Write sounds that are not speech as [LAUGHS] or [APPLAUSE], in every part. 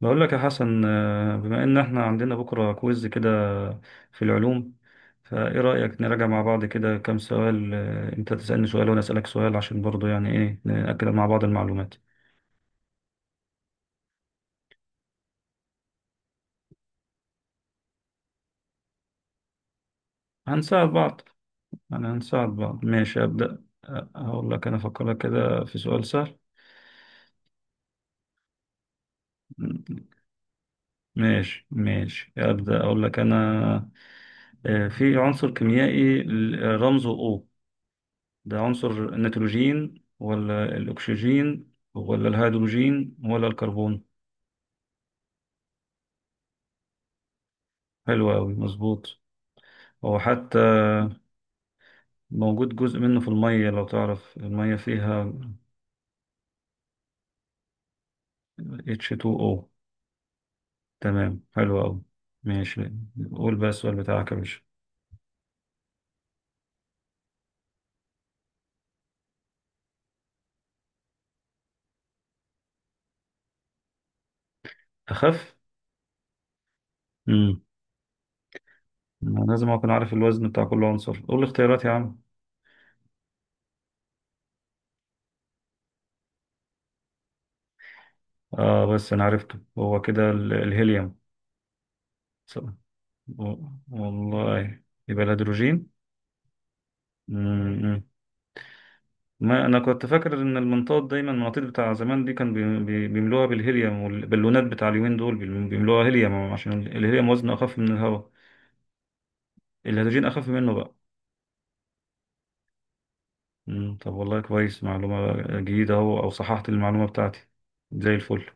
بقول لك يا حسن، بما ان احنا عندنا بكرة كويز كده في العلوم. فايه رأيك نراجع مع بعض كده كام سؤال؟ انت تسألني سؤال وانا أسألك سؤال عشان برضو يعني ايه نأكد مع بعض المعلومات. هنساعد بعض، يعني هنساعد بعض. ماشي، أبدأ هقول لك انا افكر لك كده في سؤال سهل. م- ماشي ماشي، أبدأ اقول لك انا. في عنصر كيميائي، رمزه O، بعنصر النيتروجين ولا الأكسجين ولا الهيدروجين ولا الكربون؟ حلو أوي، مظبوط. هو حتى موجود جزء منه في المية، لو تعرف المية فيها H2O. تمام، حلو أوي. ماشي، قول بقى السؤال بتاعك يا باشا. أخف؟ مم. أنا لازم أكون عارف الوزن بتاع كل عنصر، قول لي اختيارات يا عم. بس أنا عرفته، هو كده الهيليوم. صح. و- والله يبقى الهيدروجين. مم. ما انا كنت فاكر ان المنطاد، دايما المناطيد بتاع زمان دي كان بيملوها بالهيليوم، والبالونات بتاع اليومين دول بيملوها هيليوم عشان الهيليوم وزنه اخف من الهواء. الهيدروجين اخف منه بقى. طب والله كويس، معلومة جديدة اهو، او صححت المعلومة بتاعتي، زي الفل.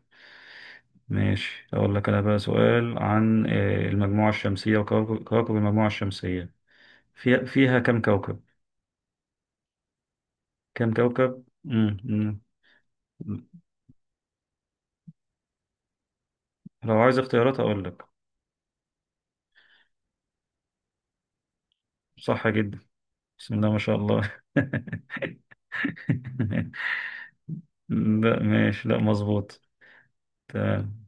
ماشي، اقول لك انا بقى سؤال عن المجموعة الشمسية، وكواكب المجموعة الشمسية، فيها كم كوكب؟ مم، مم. لو عايز اختيارات اقول لك. صح جدا، بسم الله ما شاء الله. [LAUGHS] لا ماشي، لا مظبوط. تمام.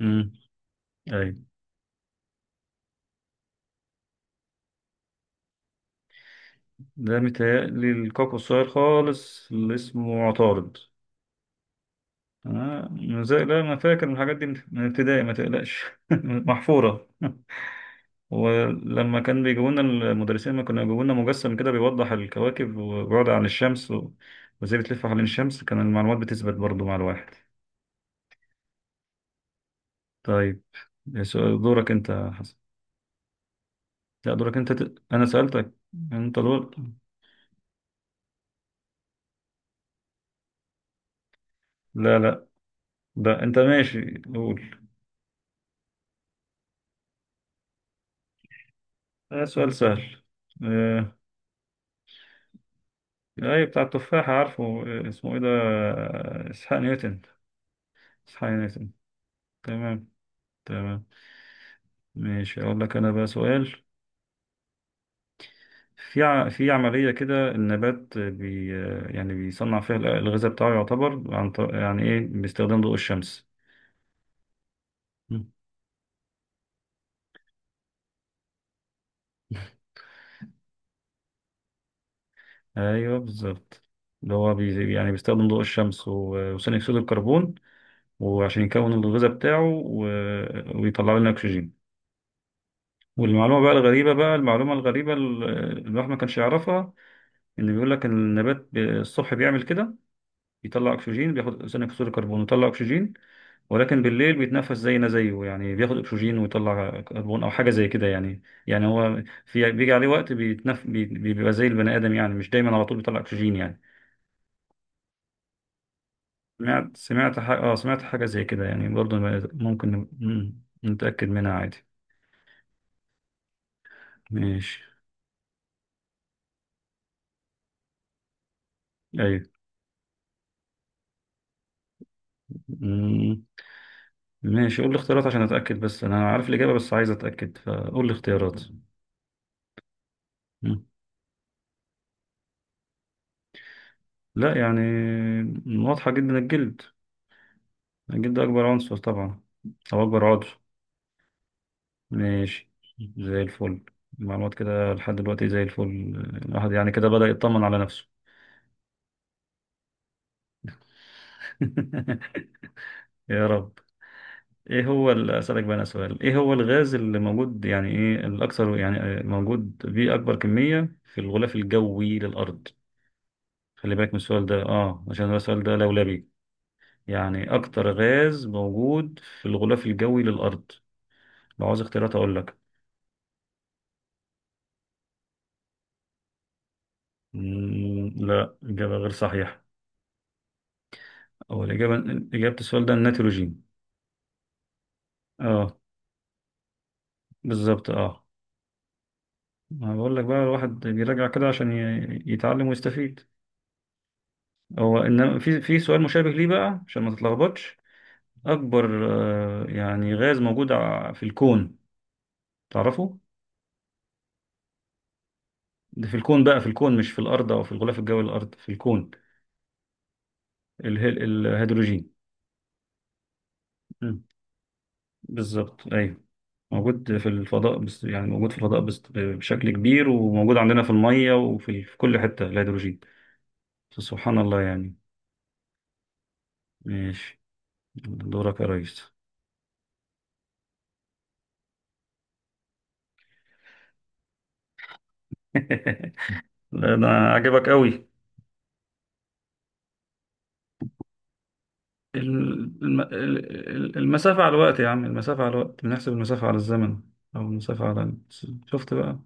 امم اي، ده متهيألي الكوكو الصغير خالص اللي اسمه عطارد. آه. زي، لا انا فاكر من الحاجات دي، من ابتدائي، ما تقلقش. [LAUGHS] محفورة. ولما كان بيجيبوا لنا المدرسين، ما كانوا بيجيبوا لنا مجسم كده بيوضح الكواكب وبعد عن الشمس و... وازاي بتلف حوالين الشمس، كان المعلومات بتثبت برضو مع الواحد. طيب، دورك انت يا حسن. لا دورك انت انا سألتك. انت دور. لا لا، ده انت ماشي قول. ده سؤال سهل. آه، أي بتاع التفاحة، عارفه، اسمه إيه ده، إسحاق نيوتن. إسحاق نيوتن. تمام، تمام. ماشي، أقول لك أنا بقى سؤال. في في عملية كده النبات بي آه، يعني بيصنع فيها الغذاء بتاعه، يعتبر عن يعني إيه باستخدام ضوء الشمس. مم. أيوه بالظبط، اللي هو يعني بيستخدم ضوء الشمس وثاني أكسيد الكربون، وعشان يكون الغذاء بتاعه، ويطلع لنا أكسجين. والمعلومة بقى الغريبة بقى المعلومة الغريبة اللي الواحد ما كانش يعرفها، إن بيقول لك إن النبات الصبح بيعمل كده، بيطلع أكسجين، بياخد ثاني أكسيد الكربون ويطلع أكسجين، ولكن بالليل بيتنفس زينا زيه، يعني بياخد أكسجين ويطلع كربون أو حاجة زي كده، يعني، هو في بيجي عليه وقت بيبقى زي البني آدم، يعني مش دايما على طول بيطلع أكسجين يعني. سمعت حاجة زي كده يعني برضه. ممكن نتأكد منها عادي. ماشي، أيوه. مم. ماشي، قول لي اختيارات عشان اتاكد، بس انا عارف الاجابه، بس عايز اتاكد فقول لي اختيارات. مم. لا يعني واضحه جدا الجلد. الجلد اكبر عنصر طبعا، او اكبر عضو. ماشي، زي الفل. المعلومات كده لحد دلوقتي زي الفل، الواحد يعني كده بدأ يطمن على نفسه. [LAUGHS] يا رب. ايه هو اسالك بقى انا سؤال، ايه هو الغاز اللي موجود يعني، ايه الاكثر، يعني موجود بيه اكبر كميه في الغلاف الجوي للارض؟ خلي بالك من السؤال ده، عشان ده السؤال ده لولبي. يعني أكتر غاز موجود في الغلاف الجوي للأرض. لو عاوز اختيارات أقول لك. لا إجابة غير صحيحة. أو الإجابة إجابة السؤال ده النيتروجين. أه، بالظبط أه. ما بقول لك بقى الواحد بيراجع كده عشان يتعلم ويستفيد. هو إن في سؤال مشابه ليه بقى عشان ما تتلخبطش. أكبر يعني غاز موجود في الكون، تعرفه؟ ده في الكون بقى، في الكون مش في الأرض أو في الغلاف الجوي للأرض، في الكون. الهيدروجين. مم، بالظبط أيوه. موجود في الفضاء بس، يعني موجود في الفضاء بس بشكل كبير، وموجود عندنا في المية، وفي كل حتة الهيدروجين. سبحان الله يعني. ماشي، دورك يا ريس. [LAUGHS] لا أنا، عجبك قوي. المسافة على الوقت يا عم، المسافة على الوقت، بنحسب المسافة على الزمن. أو المسافة على شفت بقى.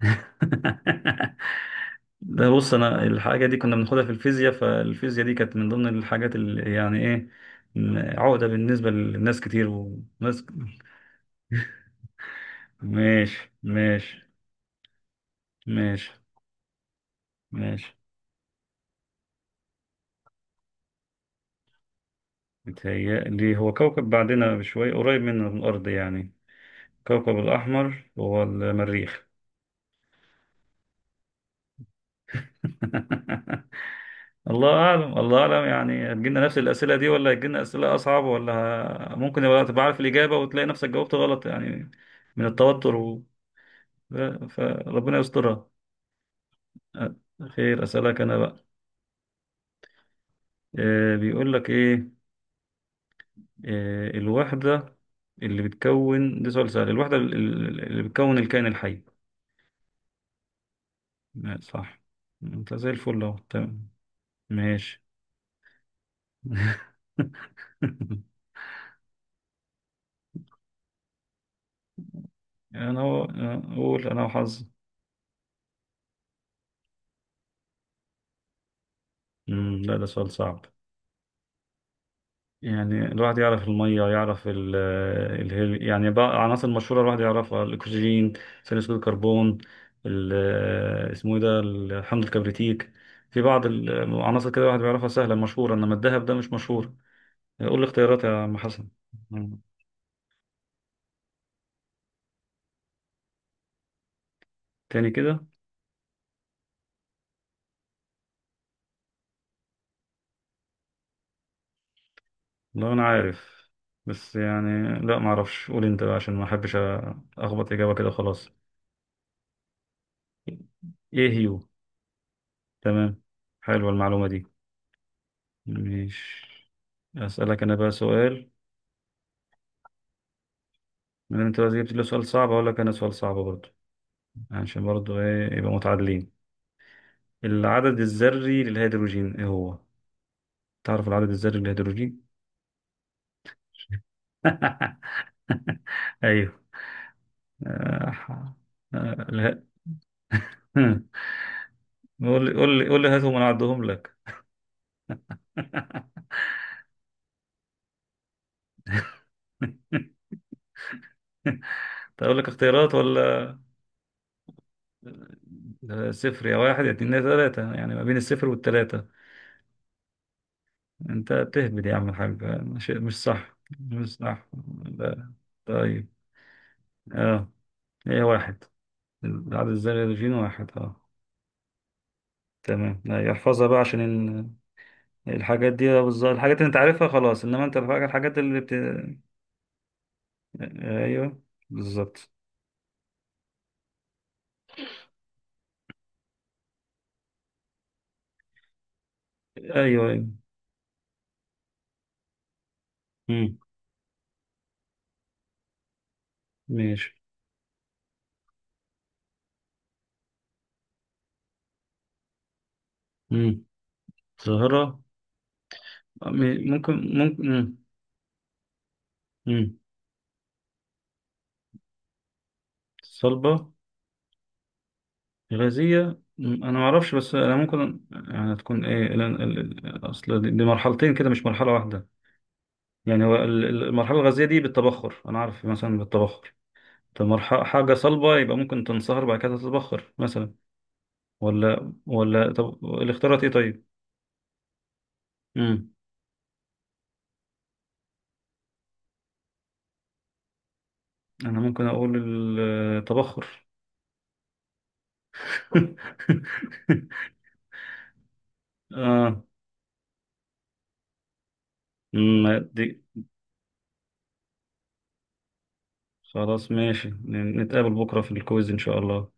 [LAUGHS] ده بص أنا الحاجة دي كنا بناخدها في الفيزياء، فالفيزياء دي كانت من ضمن الحاجات اللي يعني إيه عقدة بالنسبة للناس كتير، وناس. ماشي، ماشي، ماشي، ماشي. متهيألي هو كوكب بعدنا بشوية، قريب مننا من الأرض يعني. كوكب الأحمر هو المريخ. [LAUGHS] الله أعلم، الله أعلم. يعني هتجيلنا نفس الأسئلة دي ولا هتجيلنا أسئلة أصعب، ولا ممكن يبقى تبقى عارف الإجابة وتلاقي نفسك جاوبت غلط يعني، من التوتر ف- فربنا يسترها. أ- خير، أسألك أنا بقى. بيقول لك إيه، الوحدة اللي بتكون، ده سؤال سهل، الوحدة اللي بتكون الكائن الحي. لا، صح. انت زي الفل اهو، تمام. ماشي. [LAUGHS] انا، هو أنا اقول انا وحظي. لا ده سؤال صعب. يعني الواحد يعرف المية، يعرف ال ال يعني بقى عناصر مشهورة الواحد يعرفها، الأكسجين، ثاني أكسيد الكربون، اسمه إيه ده الحمض الكبريتيك. في بعض العناصر كده الواحد بيعرفها سهلة مشهورة، إنما الذهب ده مش مشهور. قول لي اختيارات يا عم حسن. مم. تاني كده. والله انا عارف، بس يعني لا ما اعرفش، قول انت بقى عشان ما احبش اخبط اجابه كده خلاص. ايه هيو؟ تمام، حلوه المعلومه دي. مش. اسالك انا بقى سؤال، من انت بقى جبت لي سؤال صعب اقول لك انا سؤال صعب برضه، عشان برضه ايه، يبقى متعادلين. العدد الذري للهيدروجين ايه هو، تعرف العدد الذري للهيدروجين؟ [LAUGHS] ايوه. آه، لا. [LAUGHS] قول لي، قول لي، قول لي، هاتهم انا اعدهم لك. [LAUGHS] طب اقول لك اختيارات ولا؟ صفر يا واحد يا اتنين يا تلاتة، يعني ما بين الصفر والتلاتة. انت بتهبد يا عم الحاج، مش صح، مش صح. لا، طيب. اه هي واحد، العدد الذري الجين واحد، اه، تمام. لا، يحفظها بقى عشان ال- الحاجات دي بالظبط، الحاجات اللي انت عارفها خلاص، انما انت الحاجات، اللي بت... آه، ايوه بالظبط. ايوه، ايوه. مم. ماشي. مم. ظاهرة. ممكن. مم. مم. صلبة، غازية. أنا معرفش، بس أنا ممكن يعني تكون إيه أصل دي مرحلتين كده مش مرحلة واحدة. يعني هو المرحلة الغازية دي بالتبخر، أنا عارف مثلا بالتبخر. طب مرحلة حاجة صلبة، يبقى ممكن تنصهر بعد كده تتبخر مثلا. ولا طب الاختيارات إيه طيب؟ مم. أنا ممكن أقول التبخر. [LAUGHS] آه. مم. دي. خلاص ماشي، نتقابل بكرة في الكويز إن شاء الله.